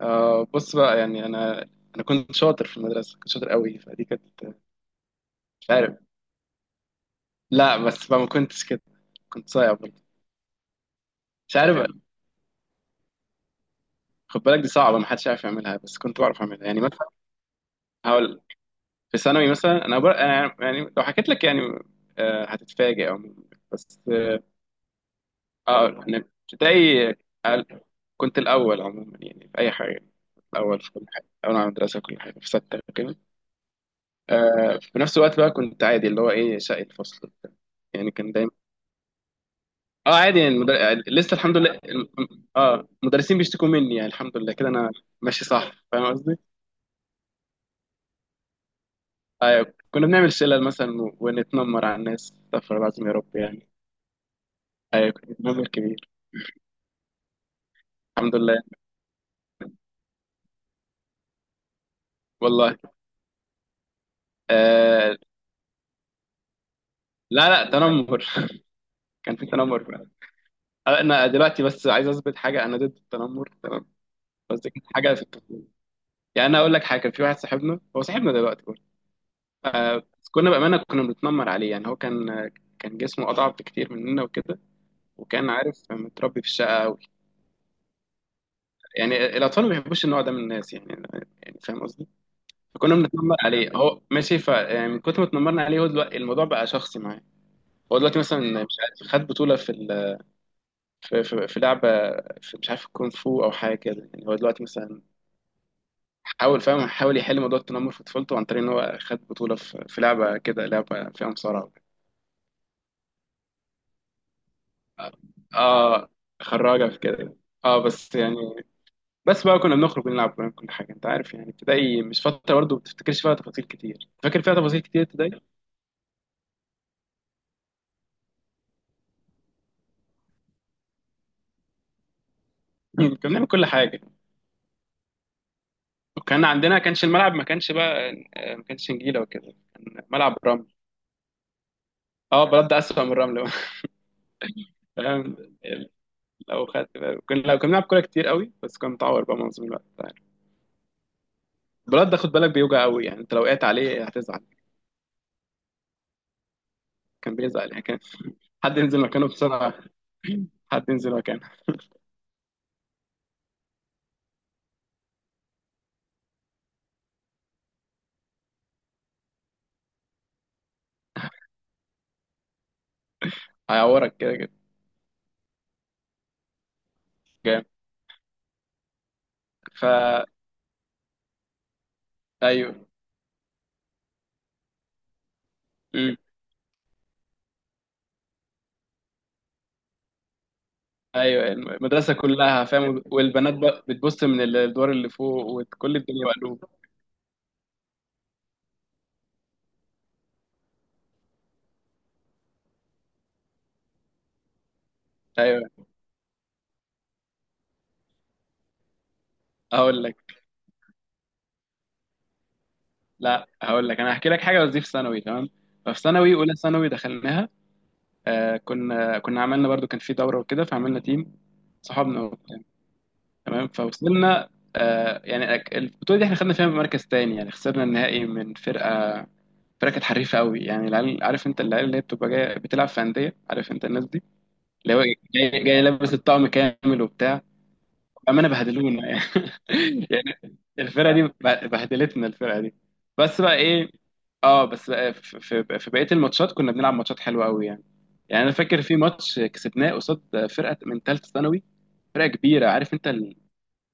بص بقى يعني انا كنت شاطر في المدرسه، كنت شاطر قوي، فدي كانت مش عارف. لا بس بقى ما كنتش كده، كنت صايع برضه. مش عارف حلو. خد بالك دي صعبه ما حدش عارف يعملها بس كنت بعرف اعملها يعني مثلا. هقول في ثانوي مثلا انا انا يعني لو حكيت لك يعني آه هتتفاجئ عموما بس. اه انا في ابتدائي آه، كنت الاول عموما يعني في اي حاجه، الاول في كل حاجه، الاول على المدرسه في كل حاجه في سته كده. آه في نفس الوقت بقى كنت عادي، اللي هو ايه، شقي الفصل وبتاع. يعني كان دايما اه عادي يعني لسه الحمد لله اه المدرسين بيشتكوا مني يعني، الحمد لله كده انا ماشي صح، فاهم قصدي؟ ايوه كنا بنعمل شلل مثلا ونتنمر على الناس، استغفر الله العظيم يا رب يعني. ايوه كنت بنتنمر كبير. الحمد لله يعني، والله آه... لا لا تنمر كان في تنمر فعلا. آه، انا دلوقتي بس عايز اثبت حاجه، انا ضد التنمر تمام، بس دي كانت حاجه في الطفوله. يعني انا اقول لك حاجه، كان في واحد صاحبنا، هو صاحبنا دلوقتي برضه. آه... بس كنا بامانه كنا بنتنمر عليه. يعني هو كان كان جسمه اضعف بكتير مننا وكده، وكان عارف متربي في الشقه قوي. يعني الاطفال ما بيحبوش النوع ده من الناس يعني، يعني فاهم قصدي. فكنا بنتنمر عليه، هو ماشي ف يعني، من كتر ما اتنمرنا عليه هو دلوقتي الموضوع بقى شخصي معاه. هو دلوقتي مثلا مش عارف خد بطوله في لعبه، في مش عارف الكونغ فو او حاجه كده. يعني هو دلوقتي مثلا حاول، فاهم، حاول يحل موضوع التنمر في طفولته عن طريق ان هو خد بطوله في لعبه كده، لعبه فيها مصارعه وكده. اه، خراجه في كده. اه بس يعني، بس بقى كنا بنخرج ونلعب ونعمل كل حاجه، انت عارف يعني. ابتدائي مش فتره برضه ما بتفتكرش فيها تفاصيل كتير، فاكر فيها تفاصيل كتير ابتدائي كنا بنعمل كل حاجه، وكان عندنا كانش الملعب، ما كانش بقى آه، ما كانش نجيله وكده، كان ملعب رمل. اه بلد ده اسوأ من الرمل بقى. فاهم، لو خدت بالك. كنا لو كنا بنلعب كوره كتير قوي بس كان متعور بقى معظم الوقت، أنت عارف. البلد ده خد بالك بيوجع قوي، يعني انت لو وقعت عليه هتزعل. كان بيزعل، يعني كان حد ينزل مكانه بسرعه حد ينزل مكانه. هيعورك كده كده. جامد. فا ايوه ايوه، المدرسه كلها فاهم، والبنات بقى بتبص من الدور اللي فوق وكل الدنيا مقلوبه. ايوه. هقول لك، لا هقول لك، انا هحكي لك حاجه بس دي في ثانوي تمام. ففي ثانوي، اولى ثانوي دخلناها آه، كنا عملنا برضو كان في دوره وكده فعملنا تيم، صحابنا وبتاع. تمام، فوصلنا آه يعني البطوله دي احنا خدنا فيها مركز تاني، يعني خسرنا النهائي من فرقه، فرقه كانت حريفه قوي. يعني العيال عارف انت، العيال اللي هي بتبقى جايه بتلعب في انديه، عارف انت الناس دي، اللي هو جاي لابس الطقم كامل وبتاع. بأمانة بهدلونا يعني يعني الفرقة دي بهدلتنا الفرقة دي بس بقى إيه. اه بس بقى في بقية الماتشات كنا بنلعب ماتشات حلوة قوي يعني. يعني أنا فاكر في ماتش كسبناه قصاد فرقة من ثالثة ثانوي، فرقة كبيرة، عارف أنت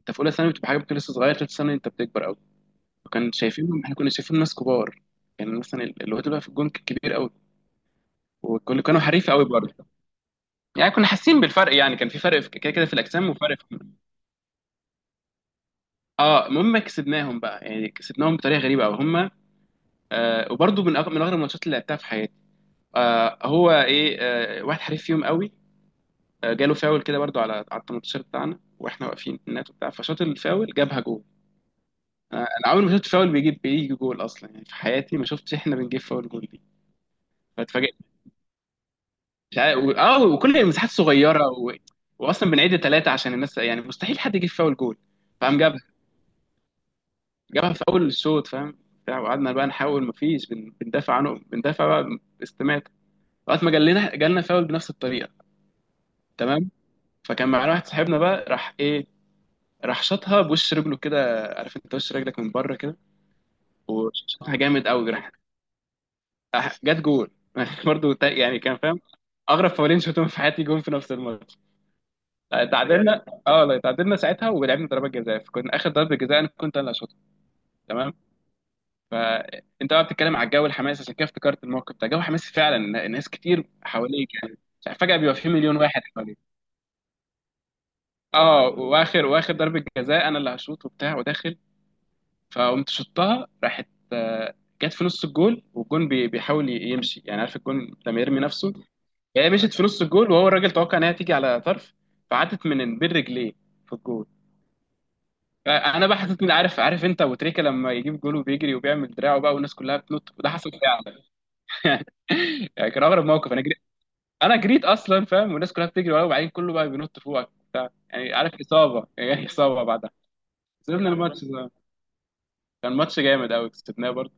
أنت في أولى ثانوي بتبقى حاجة بتبقى لسه صغير، ثالثة ثانوي أنت بتكبر قوي. وكان شايفينهم، إحنا كنا شايفين ناس كبار. يعني مثلا الواد اللي بقى في الجون كان كبير قوي، وكانوا كانوا حريف قوي برضه. يعني كنا حاسين بالفرق، يعني كان في فرق في كده كده في الأجسام وفرق. اه المهم كسبناهم بقى، يعني كسبناهم بطريقه غريبه قوي هم. آه وبرده من من اغرب الماتشات اللي لعبتها في حياتي. آه هو ايه، آه واحد حريف فيهم قوي آه جاله فاول كده، برده على على ال 18 بتاعنا، واحنا واقفين النات وبتاع، فشاط الفاول جابها جول. آه انا عمري ما شفت فاول بيجيب جول اصلا، يعني في حياتي ما شفتش احنا بنجيب فاول جول دي. فاتفاجئت، مش عارف وكل المساحات صغيره واصلا بنعيد ثلاثه عشان الناس، يعني مستحيل حد يجيب فاول جول. فقام جاب، جابها في اول الشوط فاهم، بتاع. وقعدنا بقى نحاول مفيش بندافع عنه، بندافع بقى استماتة، لغايه ما جالنا فاول بنفس الطريقه. تمام. فكان معانا واحد صاحبنا بقى راح ايه، راح شاطها بوش رجله كده، عارف انت وش رجلك من بره كده. وشاطها جامد قوي، راح جت جول برضه يعني كان فاهم اغرب فاولين شفتهم في حياتي جون في نفس الماتش. تعادلنا اه لا تعادلنا ساعتها ولعبنا ضربات جزاء، فكنا اخر ضربه جزاء انا كنت انا اللي هشوطها. تمام. فانت بقى بتتكلم على الجو الحماسي، عشان كده افتكرت الموقف ده، جو حماسي فعلا، ناس كتير حواليك يعني، فجأة بيبقى في مليون واحد حواليك. اه واخر ضربة جزاء انا اللي هشوط وبتاع وداخل. فقمت شطها، راحت آه، جت في نص الجول، والجون بيحاول يمشي، يعني عارف الجون لما يرمي نفسه. هي مشيت في نص الجول، وهو الراجل توقع انها تيجي على طرف، فعدت من بين رجليه في الجول. فانا بقى حسيت إني عارف، عارف انت ابو تريكه لما يجيب جول وبيجري وبيعمل دراعه بقى والناس كلها بتنط، وده حصل فعلا يعني كان اغرب موقف، انا جريت، انا جريت اصلا فاهم، والناس كلها بتجري ورايا، وبعدين كله بقى بينط فوقك وبتاع، يعني عارف اصابه يعني اصابه بعدها. سيبنا الماتش ده، كان ماتش جامد قوي كسبناه برضه.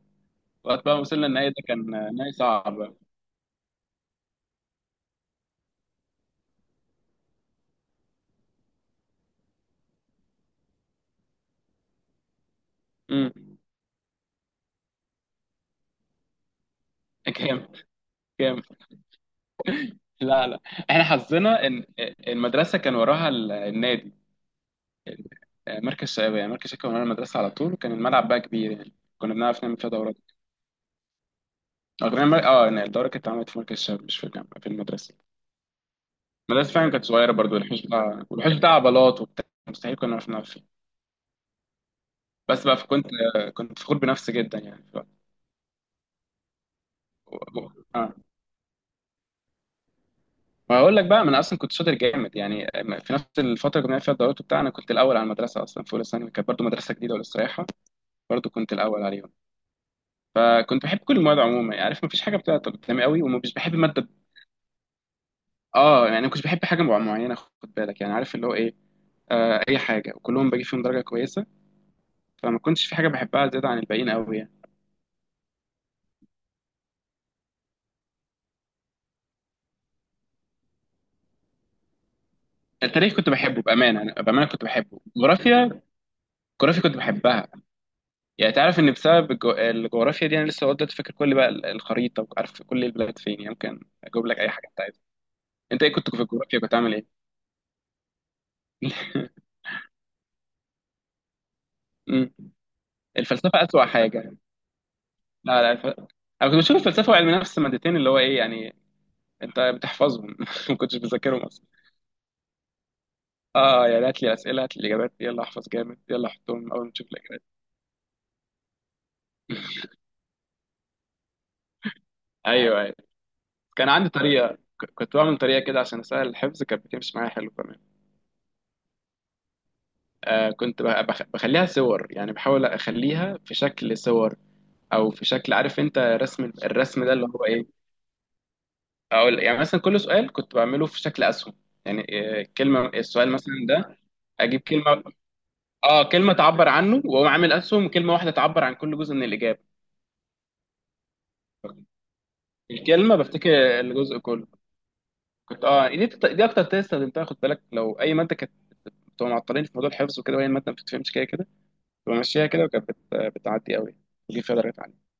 وقت بقى وصلنا النهائي ده، كان نهائي صعب. امم جامد، جامد. لا لا، احنا حظنا ان المدرسه كان وراها النادي، مركز الشباب. يعني مركز الشباب كان ورا المدرسه على طول، وكان الملعب بقى كبير، يعني كنا بنعرف نعمل فيها دورات. اه كنا آه، يعني الدوره كانت اتعملت في مركز الشباب، مش في الجامعه في المدرسه. مدرسة فعلا كانت صغيرة برضو، الحوش بتاع والحوش بتاع عضلات وبتاع، مستحيل كنا نعرف نلعب فيه. بس بقى كنت كنت فخور بنفسي جدا، يعني ف... اه ما هقول لك بقى، ما انا اصلا كنت شاطر جامد يعني. في نفس الفتره اللي كنا فيها الدورات وبتاع، انا كنت الاول على المدرسه اصلا، في اولى ثانوي كانت برضو مدرسه جديده ولسه رايحه، برضو كنت الاول عليهم. فكنت بحب كل المواد عموما يعني، عارف ما فيش حاجه بتعطل قدامي قوي ومش بحب ماده. اه يعني ما كنتش بحب حاجه معينه، خد بالك يعني، عارف اللي هو ايه، آه اي حاجه وكلهم بجيب فيهم درجه كويسه. فما كنتش في حاجه بحبها زياده عن الباقيين قوي يعني. التاريخ كنت بحبه بامانه، أنا بامانه كنت بحبه. الجغرافيا، الجغرافيا كنت بحبها. يعني تعرف ان بسبب الجغرافيا دي انا لسه لغايه دلوقتي فاكر كل بقى الخريطه وعارف كل البلاد فين، يعني ممكن اجيب لك اي حاجه انت عايزها. انت ايه كنت في الجغرافيا، كنت عامل ايه؟ مم. الفلسفه اسوأ حاجه. لا لا انا كنت بشوف الفلسفه وعلم النفس مادتين اللي هو ايه يعني، انت بتحفظهم ما كنتش بذاكرهم اصلا. اه يعني هات لي اسئله، هات لي اجابات، يلا احفظ جامد، يلا احطهم اول ما تشوف الاجابات. ايوه أيوه. كان عندي طريقة كنت بعمل طريقة كده عشان أسهل الحفظ، كانت بتمشي معايا حلو كمان. آه كنت بخليها صور، يعني بحاول أخليها في شكل صور، أو في شكل عارف أنت رسم، الرسم ده اللي هو إيه. أقول يعني مثلا كل سؤال كنت بعمله في شكل أسهم، يعني آه، كلمة السؤال مثلا ده أجيب كلمة آه كلمة تعبر عنه، وأقوم عامل أسهم كلمة واحدة تعبر عن كل جزء من الإجابة. الكلمة بفتكر الجزء كله. كنت اه دي اكتر تيست استخدمتها، خد بالك لو اي ماده كانت بتبقى معطلين في موضوع الحفظ وكده وهي الماده ما بتفهمش كده كده، بمشيها كده وكانت بتعدي قوي، دي فيها درجات عالية.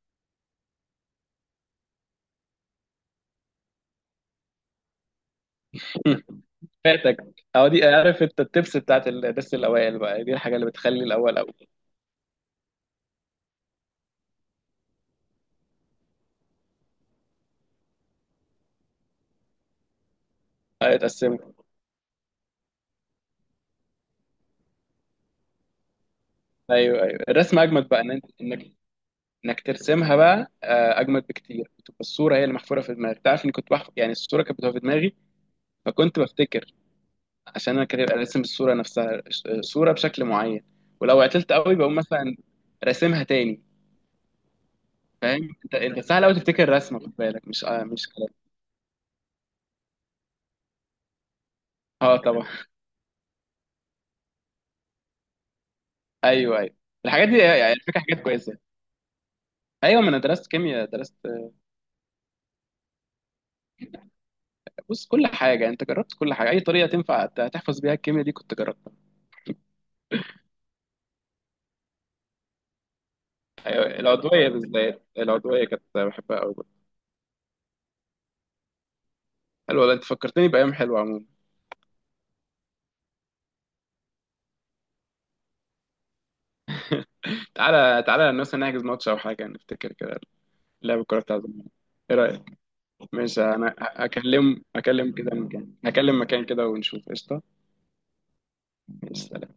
مم. فاتك، أو دي عارف أنت التبس بتاعت الدرس الأوائل بقى، دي الحاجة اللي بتخلي الأول أول. أيوة اتقسمت. أيوه أيوه الرسم أجمد بقى إنك إنك ترسمها بقى آه، أجمد بكتير، بتبقى الصورة هي اللي محفورة في دماغك. تعرف إني كنت بحفظ، يعني الصورة كانت بتبقى في دماغي، فكنت بفتكر عشان أنا كده راسم الصورة نفسها صورة بشكل معين، ولو عطلت قوي بقوم مثلا راسمها تاني. فاهم انت، انت سهل قوي تفتكر رسمه خد بالك، مش آه، مش كلام. اه طبعا. ايوه ايوه الحاجات دي، يعني الفكره حاجات كويسه. ايوه ما انا درست كيمياء درست. بص كل حاجه انت جربت، كل حاجه اي طريقه تنفع تحفظ بيها الكيمياء دي كنت جربتها. أيوة. العضويه بالذات، العضويه كانت بحبها قوي. حلوه والله، انت فكرتني بايام حلوه عموما. تعالى تعالى مثلا نحجز ماتش او حاجه نفتكر كده، لعب الكوره بتاع زمان. ايه رايك؟ ماشي انا هكلم، هكلم كده مكان، هكلم مكان كده ونشوف قشطه. ماشي، سلام.